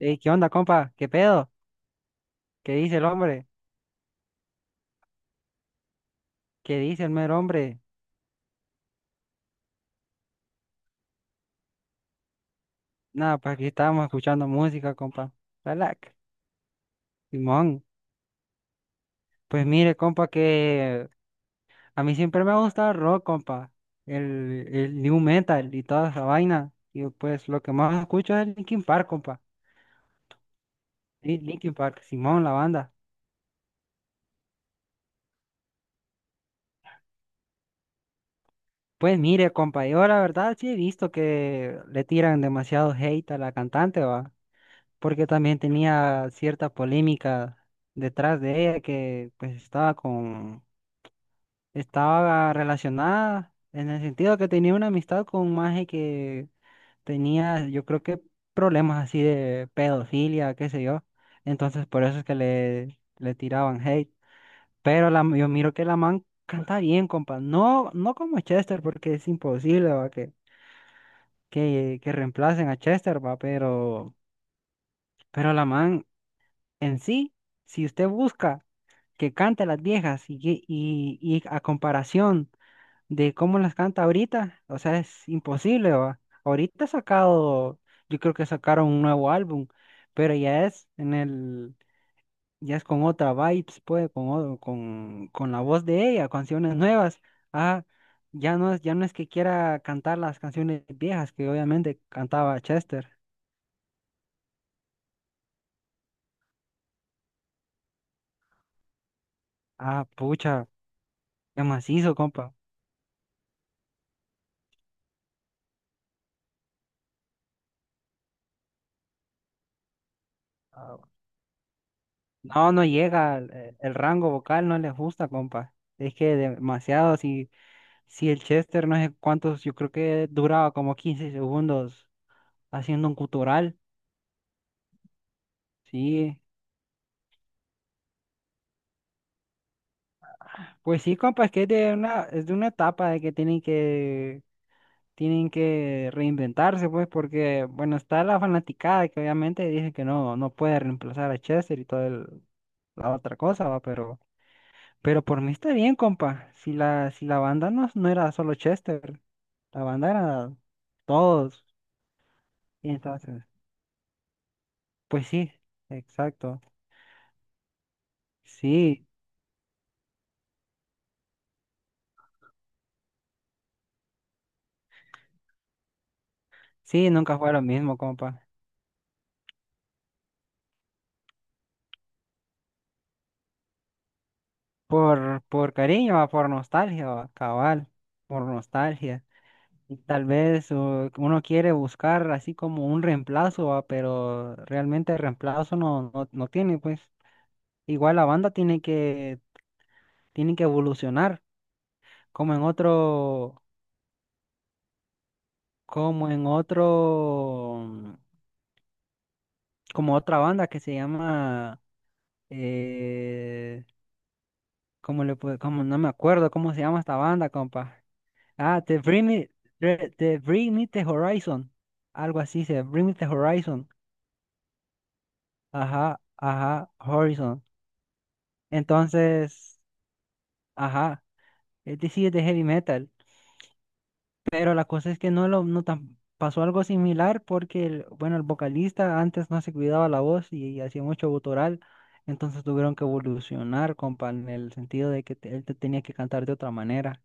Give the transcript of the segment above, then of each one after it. Ey, ¿qué onda, compa? ¿Qué pedo? ¿Qué dice el hombre? ¿Qué dice el mero hombre? Nada, pues aquí estábamos escuchando música, compa. Relax, Simón. Pues mire, compa, que a mí siempre me ha gustado el rock, compa. El new metal y toda esa vaina. Y pues lo que más escucho es Linkin Park, compa. Sí, Linkin Park, Simón, la banda. Pues mire, compa, yo la verdad sí he visto que le tiran demasiado hate a la cantante, va. Porque también tenía cierta polémica detrás de ella que pues estaba relacionada en el sentido que tenía una amistad con un maje que tenía, yo creo que problemas así de pedofilia, qué sé yo. Entonces por eso es que le tiraban hate. Pero la, yo miro que la man canta bien, compa. No, no como Chester, porque es imposible, va, que reemplacen a Chester, va, pero la man en sí. Si usted busca que canta las viejas y a comparación de cómo las canta ahorita, o sea, es imposible, ¿va? Ahorita ha sacado, yo creo que sacaron un nuevo álbum, pero ya es en el, ya es con otra vibes, pues, con la voz de ella, canciones nuevas. Ah, ya no es que quiera cantar las canciones viejas que obviamente cantaba Chester. Ah, pucha, qué macizo, compa. No, no llega, el rango vocal no les gusta, compa. Es que demasiado, si, si el Chester no sé cuántos, yo creo que duraba como 15 segundos haciendo un gutural. Sí, pues sí, compa, es que es de una etapa de que tienen tienen que reinventarse, pues, porque, bueno, está la fanaticada que obviamente dice que no, no puede reemplazar a Chester y toda la otra cosa, va, pero por mí está bien, compa. Si la banda no, no era solo Chester. La bandera, todos. Y entonces, pues sí, exacto. Sí, sí, nunca fue lo mismo, compa. Por cariño, va, por nostalgia, va, cabal, por nostalgia. Y tal vez uno quiere buscar así como un reemplazo, va, pero realmente el reemplazo no, no, no tiene, pues. Igual la banda tiene tiene que evolucionar, como en otro, como en otro, como otra banda que se llama. Eh, ¿Cómo le puedo, cómo, no me acuerdo cómo se llama esta banda, compa? Ah, The Bring Me The Horizon. Algo así se, Bring Me The Horizon. Ajá, ajá, Horizon. Entonces, ajá, este sí es de heavy metal. Pero la cosa es que no lo, no tan, pasó algo similar porque el, bueno, el vocalista antes no se cuidaba la voz y, hacía mucho gutural. Entonces tuvieron que evolucionar, compa, en el sentido de que él te tenía que cantar de otra manera.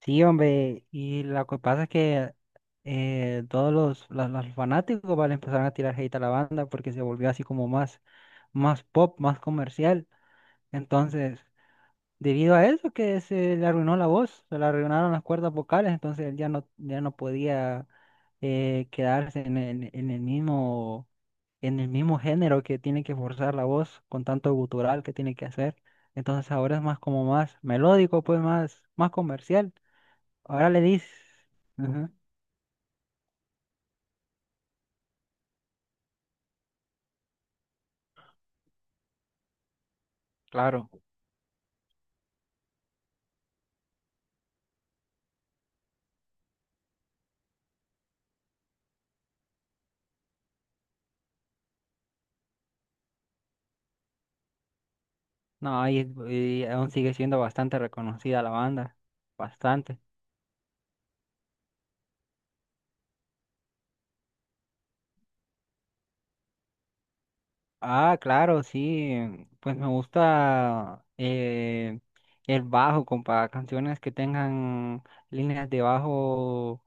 Sí, hombre, y lo que pasa es que todos los fanáticos, ¿vale? Empezaron a tirar hate a la banda porque se volvió así como más, más pop, más comercial. Entonces, debido a eso que se le arruinó la voz, se le arruinaron las cuerdas vocales, entonces él ya no, ya no podía quedarse en el mismo género que tiene que forzar la voz con tanto gutural que tiene que hacer. Entonces ahora es más como más melódico, pues más, más comercial. Ahora le dices. Ujú, claro. No, y aún sigue siendo bastante reconocida la banda. Bastante. Ah, claro, sí. Pues me gusta el bajo, compa. Canciones que tengan líneas de bajo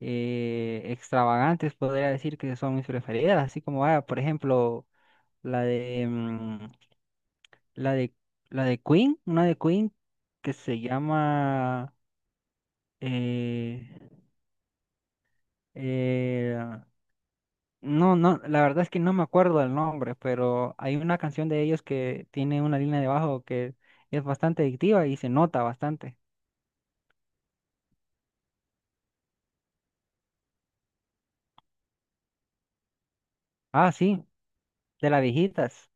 extravagantes, podría decir que son mis preferidas. Así como, ah, por ejemplo, la de, mm, la de, la de Queen, una de Queen que se llama... eh, Eh, no, no, la verdad es que no me acuerdo del nombre, pero hay una canción de ellos que tiene una línea de bajo que es bastante adictiva y se nota bastante. Ah, sí, de las viejitas.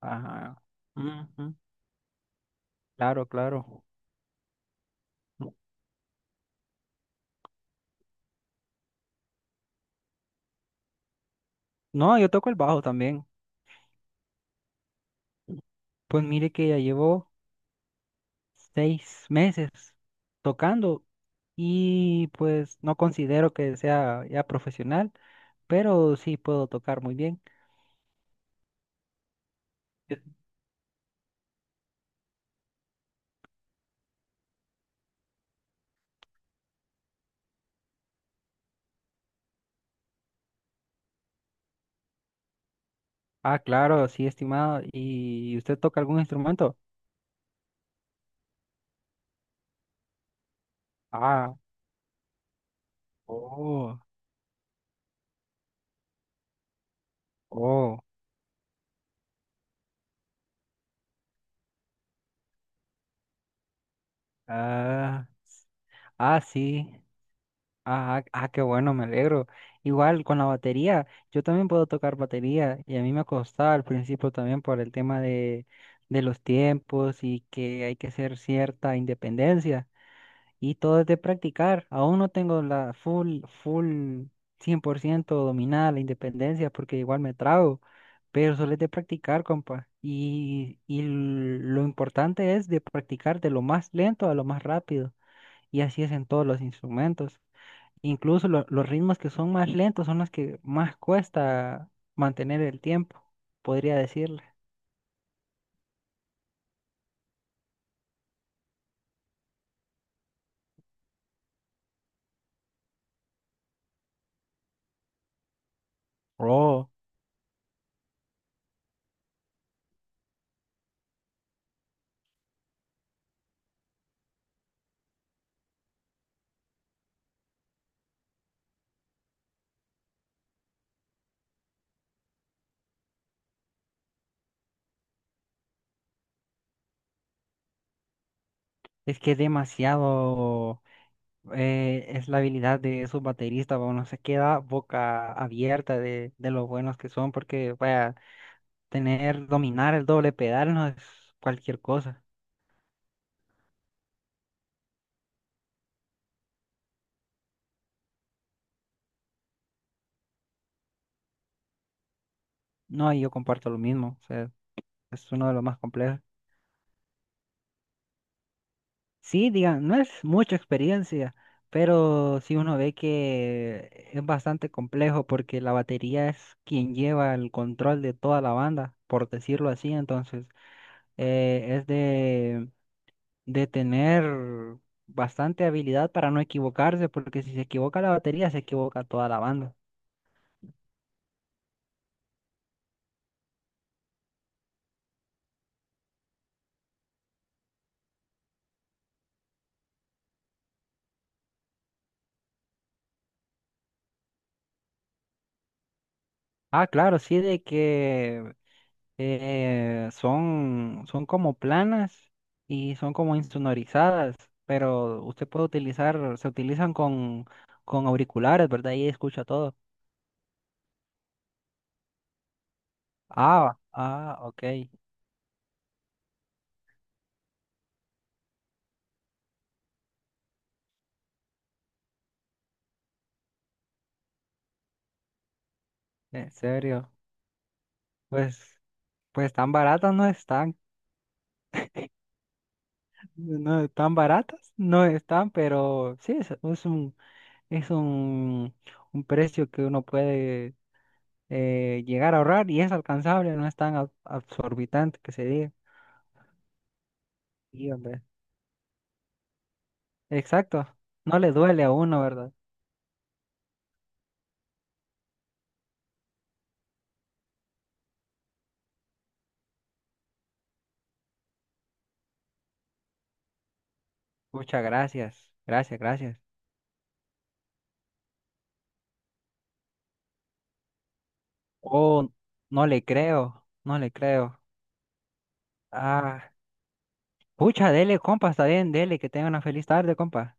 Ajá. Ujú. Claro, claro. No, yo toco el bajo también. Pues mire que ya llevo 6 meses tocando y pues no considero que sea ya profesional, pero sí puedo tocar muy bien. Ah, claro, sí, estimado. ¿Y usted toca algún instrumento? Ah, oh, oh, ah, ah, sí. Ah, ah, ah, qué bueno, me alegro. Igual con la batería, yo también puedo tocar batería y a mí me costaba al principio también por el tema de los tiempos y que hay que hacer cierta independencia. Y todo es de practicar. Aún no tengo la full, full 100% dominada la independencia porque igual me trago, pero solo es de practicar, compa. Y lo importante es de practicar de lo más lento a lo más rápido. Y así es en todos los instrumentos. Incluso los ritmos que son más lentos son los que más cuesta mantener el tiempo, podría decirle. Oh, es que es demasiado. Es la habilidad de sus bateristas, bueno se queda boca abierta de lo buenos que son, porque vaya, tener, dominar el doble pedal no es cualquier cosa. No, y yo comparto lo mismo, o sea, es uno de los más complejos. Sí, digan, no es mucha experiencia, pero sí uno ve que es bastante complejo porque la batería es quien lleva el control de toda la banda, por decirlo así, entonces es de tener bastante habilidad para no equivocarse, porque si se equivoca la batería, se equivoca toda la banda. Ah, claro, sí, de que son como planas y son como insonorizadas, pero usted puede utilizar, se utilizan con auriculares, ¿verdad? Y escucha todo. Ah, ah, ok, en serio. Pues, pues tan baratas no están, no tan baratas no están, pero sí, es un Es un, un precio que uno puede llegar a ahorrar y es alcanzable, no es tan absorbitante que se diga. Sí, hombre. Exacto, no le duele a uno, ¿verdad? Muchas gracias, gracias, gracias. Oh, no le creo, no le creo. Ah, pucha, dele, compa, está bien, dele, que tenga una feliz tarde, compa.